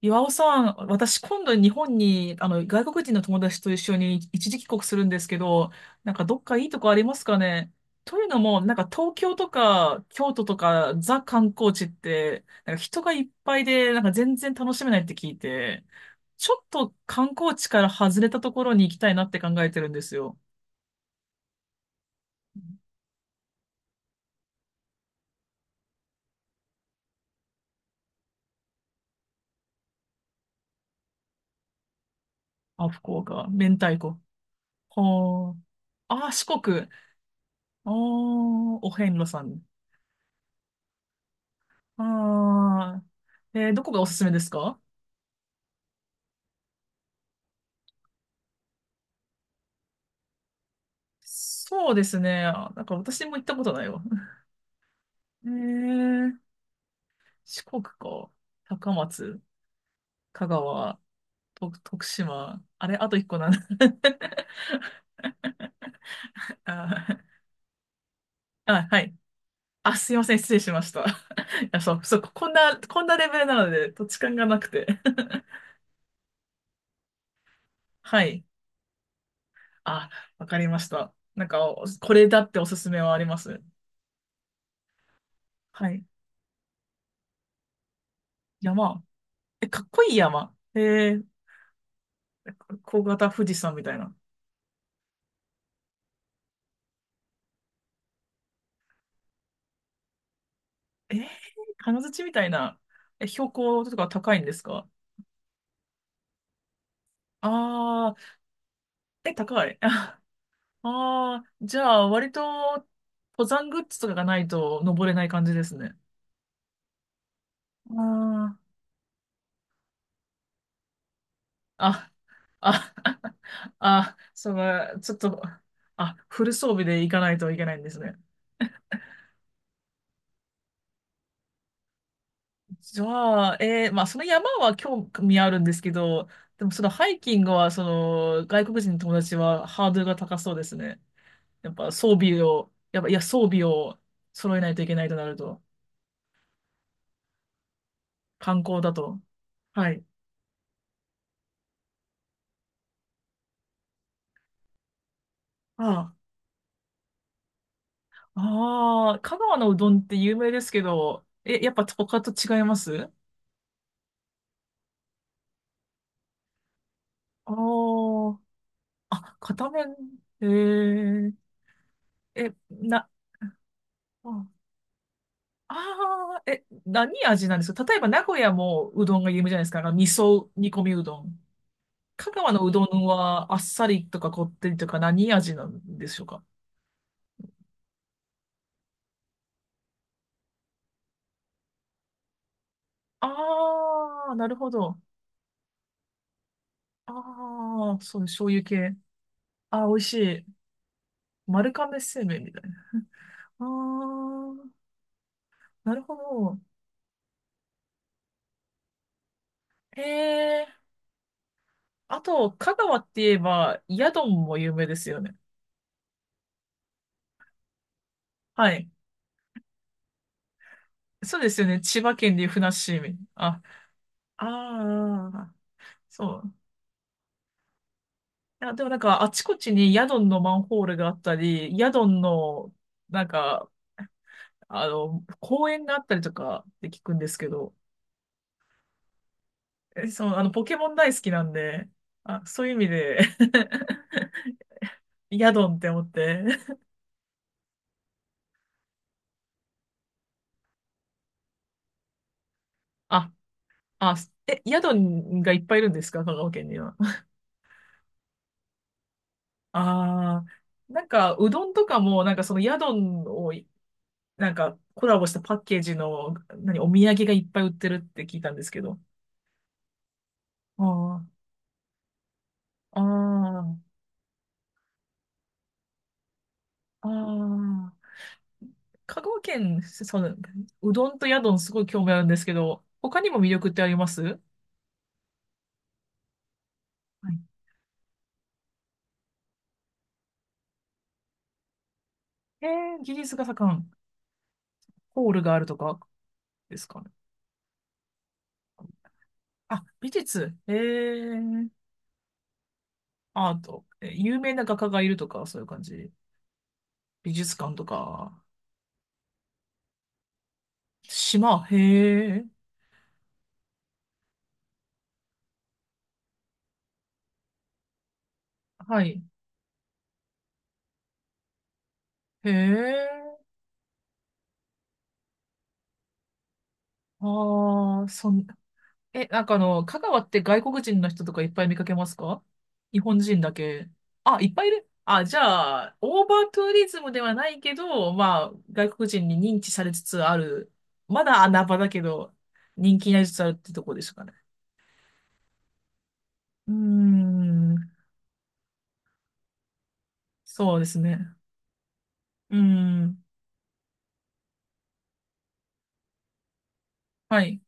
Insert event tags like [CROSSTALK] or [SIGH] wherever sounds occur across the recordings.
岩尾さん、私今度日本に、外国人の友達と一緒に一時帰国するんですけど、なんかどっかいいとこありますかね？というのも、なんか東京とか京都とかザ観光地って、なんか人がいっぱいで、なんか全然楽しめないって聞いて、ちょっと観光地から外れたところに行きたいなって考えてるんですよ。あ、福岡、明太子。はあ。あ、四国。ああ、お遍路さん。ああ。どこがおすすめですか？そうですね。あ、なんか私も行ったことないわ。[LAUGHS] えー、四国か。高松、香川、と徳島。あれ、あと一個なんだ。[LAUGHS] あー、あ、はい。あ、すいません。失礼しました。[LAUGHS] いや、そう、そう、こんなレベルなので、土地勘がなくて。[LAUGHS] はい。あ、わかりました。なんか、これだっておすすめはあります？はい。山。え、かっこいい山。ー、小型富士山みたいな。えー、金槌みたいな、え、標高とか高いんですか？ああー、え、高い。[LAUGHS] ああ、じゃあ、割と、登山グッズとかがないと登れない感じですね。ああ、あ、あ、[LAUGHS] あ、その、ちょっと、あ、フル装備で行かないといけないんですね。じゃあ、まあ、その山は興味あるんですけど、でも、そのハイキングは、外国人の友達はハードルが高そうですね。やっぱ装備を、やっぱ、いや、装備を揃えないといけないとなると、観光だと。はい。ああ、ああ、香川のうどんって有名ですけど、え、やっぱ他と違います？ああ、あ、片面、えー、え、な、ああー、え、何味なんですか？例えば名古屋もうどんが有名じゃないですか。あの味噌煮込みうどん。香川のうどんはあっさりとかこってりとか何味なんでしょうか？ああー、なるほど。ああ、そう、醤油系。ああ、美味しい。丸亀製麺みたいな。ああ、なるほど。へえ。あと、香川って言えば、ヤドンも有名ですよね。はい。そうですよね。千葉県でいうふなっしーみ。あ、ああ、そう。いや、でもなんか、あちこちにヤドンのマンホールがあったり、ヤドンの、なんか、公園があったりとかって聞くんですけど、え、そう、ポケモン大好きなんで、あ、そういう意味で [LAUGHS] ヤドンって思って。あ、あ、え、ヤドンがいっぱいいるんですか？香川県には。ああ、なんか、うどんとかも、なんかそのヤドンをなんかコラボしたパッケージの、何、お土産がいっぱい売ってるって聞いたんですけど。ああ、ああ、ああ。香川県、うどんとヤドンすごい興味あるんですけど、他にも魅力ってあります？はい。え技術が盛ん、ホールがあるとかですかね？あ、美術。ええアート。え有名な画家がいるとか、そういう感じ。美術館とか。島、へえ。はい。へえ。ああ、え、なんか香川って外国人の人とかいっぱい見かけますか？日本人だけ。あ、いっぱいいる。あ、じゃあ、オーバーツーリズムではないけど、まあ、外国人に認知されつつある。まだ穴場だけど、人気になりつつあるってとこですかね。うーん、そうですね。うーん、はい。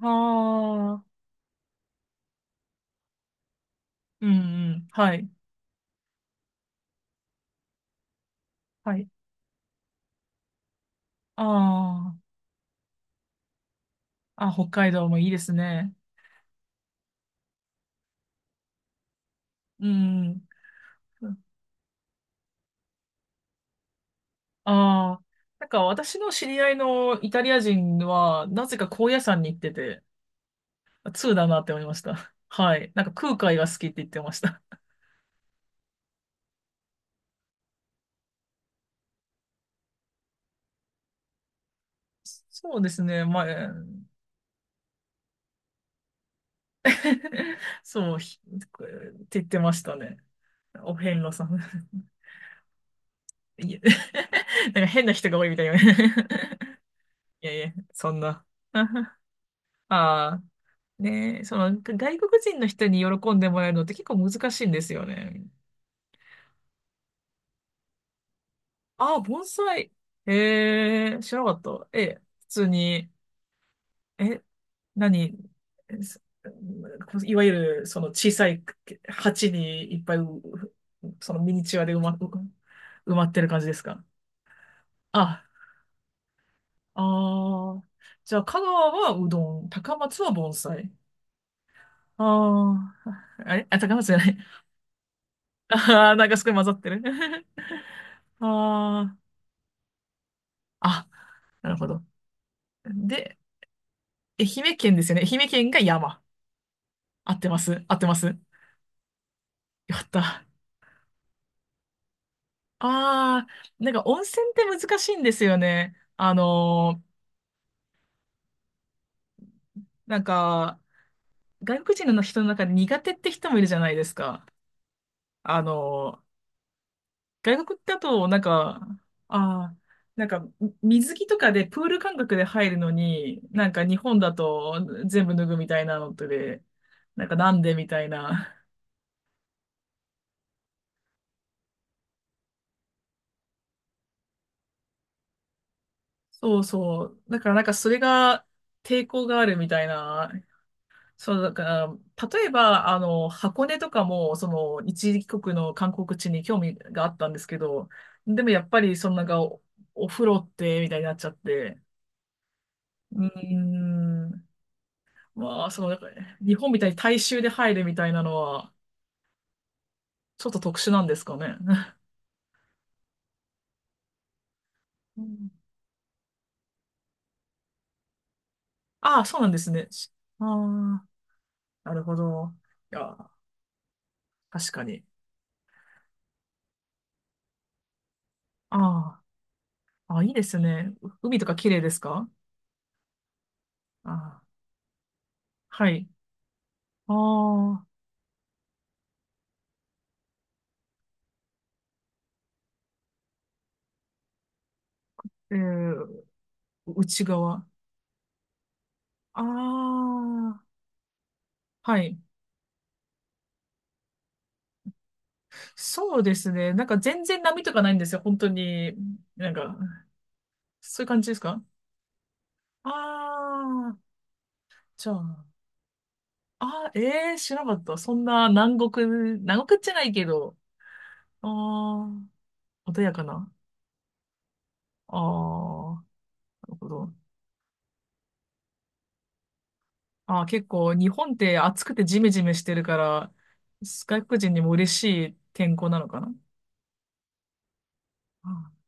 ああ、うんうん。はい。はい。ああ、あ、北海道もいいですね。うん。ああ、なんか私の知り合いのイタリア人は、なぜか高野山に行ってて、通だなって思いました。はい。なんか空海が好きって言ってました。そうですね。まあ、[LAUGHS] そうひって言ってましたね。お遍路さん。いえ [LAUGHS] なんか変な人が多いみたいな。[LAUGHS] いやいや、そんな。[LAUGHS] ああ、ねえ、外国人の人に喜んでもらえるのって結構難しいんですよね。ああ、盆栽。ええ、知らなかった。ええ、普通に、え、何、えすいわゆる、その小さい鉢にいっぱいう、そのミニチュアで埋まってる感じですか？あ、ああ、じゃあ、香川はうどん、高松は盆栽。ああ、あれあ、高松じゃない。ああ、なんかすごい混ざってる。[LAUGHS] ああ、あ、なるほど。で、愛媛県ですよね。愛媛県が山。合ってます。合ってます。よかった。ああ、なんか温泉って難しいんですよね。なんか、外国人の人の中で苦手って人もいるじゃないですか。あの外国だと、なんか、ああ、なんか、水着とかでプール感覚で入るのに、なんか日本だと全部脱ぐみたいなのとで、なんかなんでみたいな。そうそう。だからなんかそれが抵抗があるみたいな。そう、だから、例えば、箱根とかも、一時帰国の観光地に興味があったんですけど、でもやっぱり、そのなんかお風呂って、みたいになっちゃって、うーん。まあ、なんかね日本みたいに大衆で入るみたいなのは、ちょっと特殊なんですかね。[LAUGHS] うん、[LAUGHS] ああ、そうなんですね。ああ、なるほど。いや、確かに。ああ、ああ、いいですね。海とか綺麗ですか？ああ、はい。ああ、えー、内側。ああ、はい。そうですね。なんか全然波とかないんですよ。本当に。なんか、そういう感じですか？ああー、じゃあ。あ、ええ知らなかった。そんな南国、南国じゃないけど、ああ、穏やかな。ああ、なるほど。ああ、結構日本って暑くてジメジメしてるから、外国人にも嬉しい天候なのかな。あ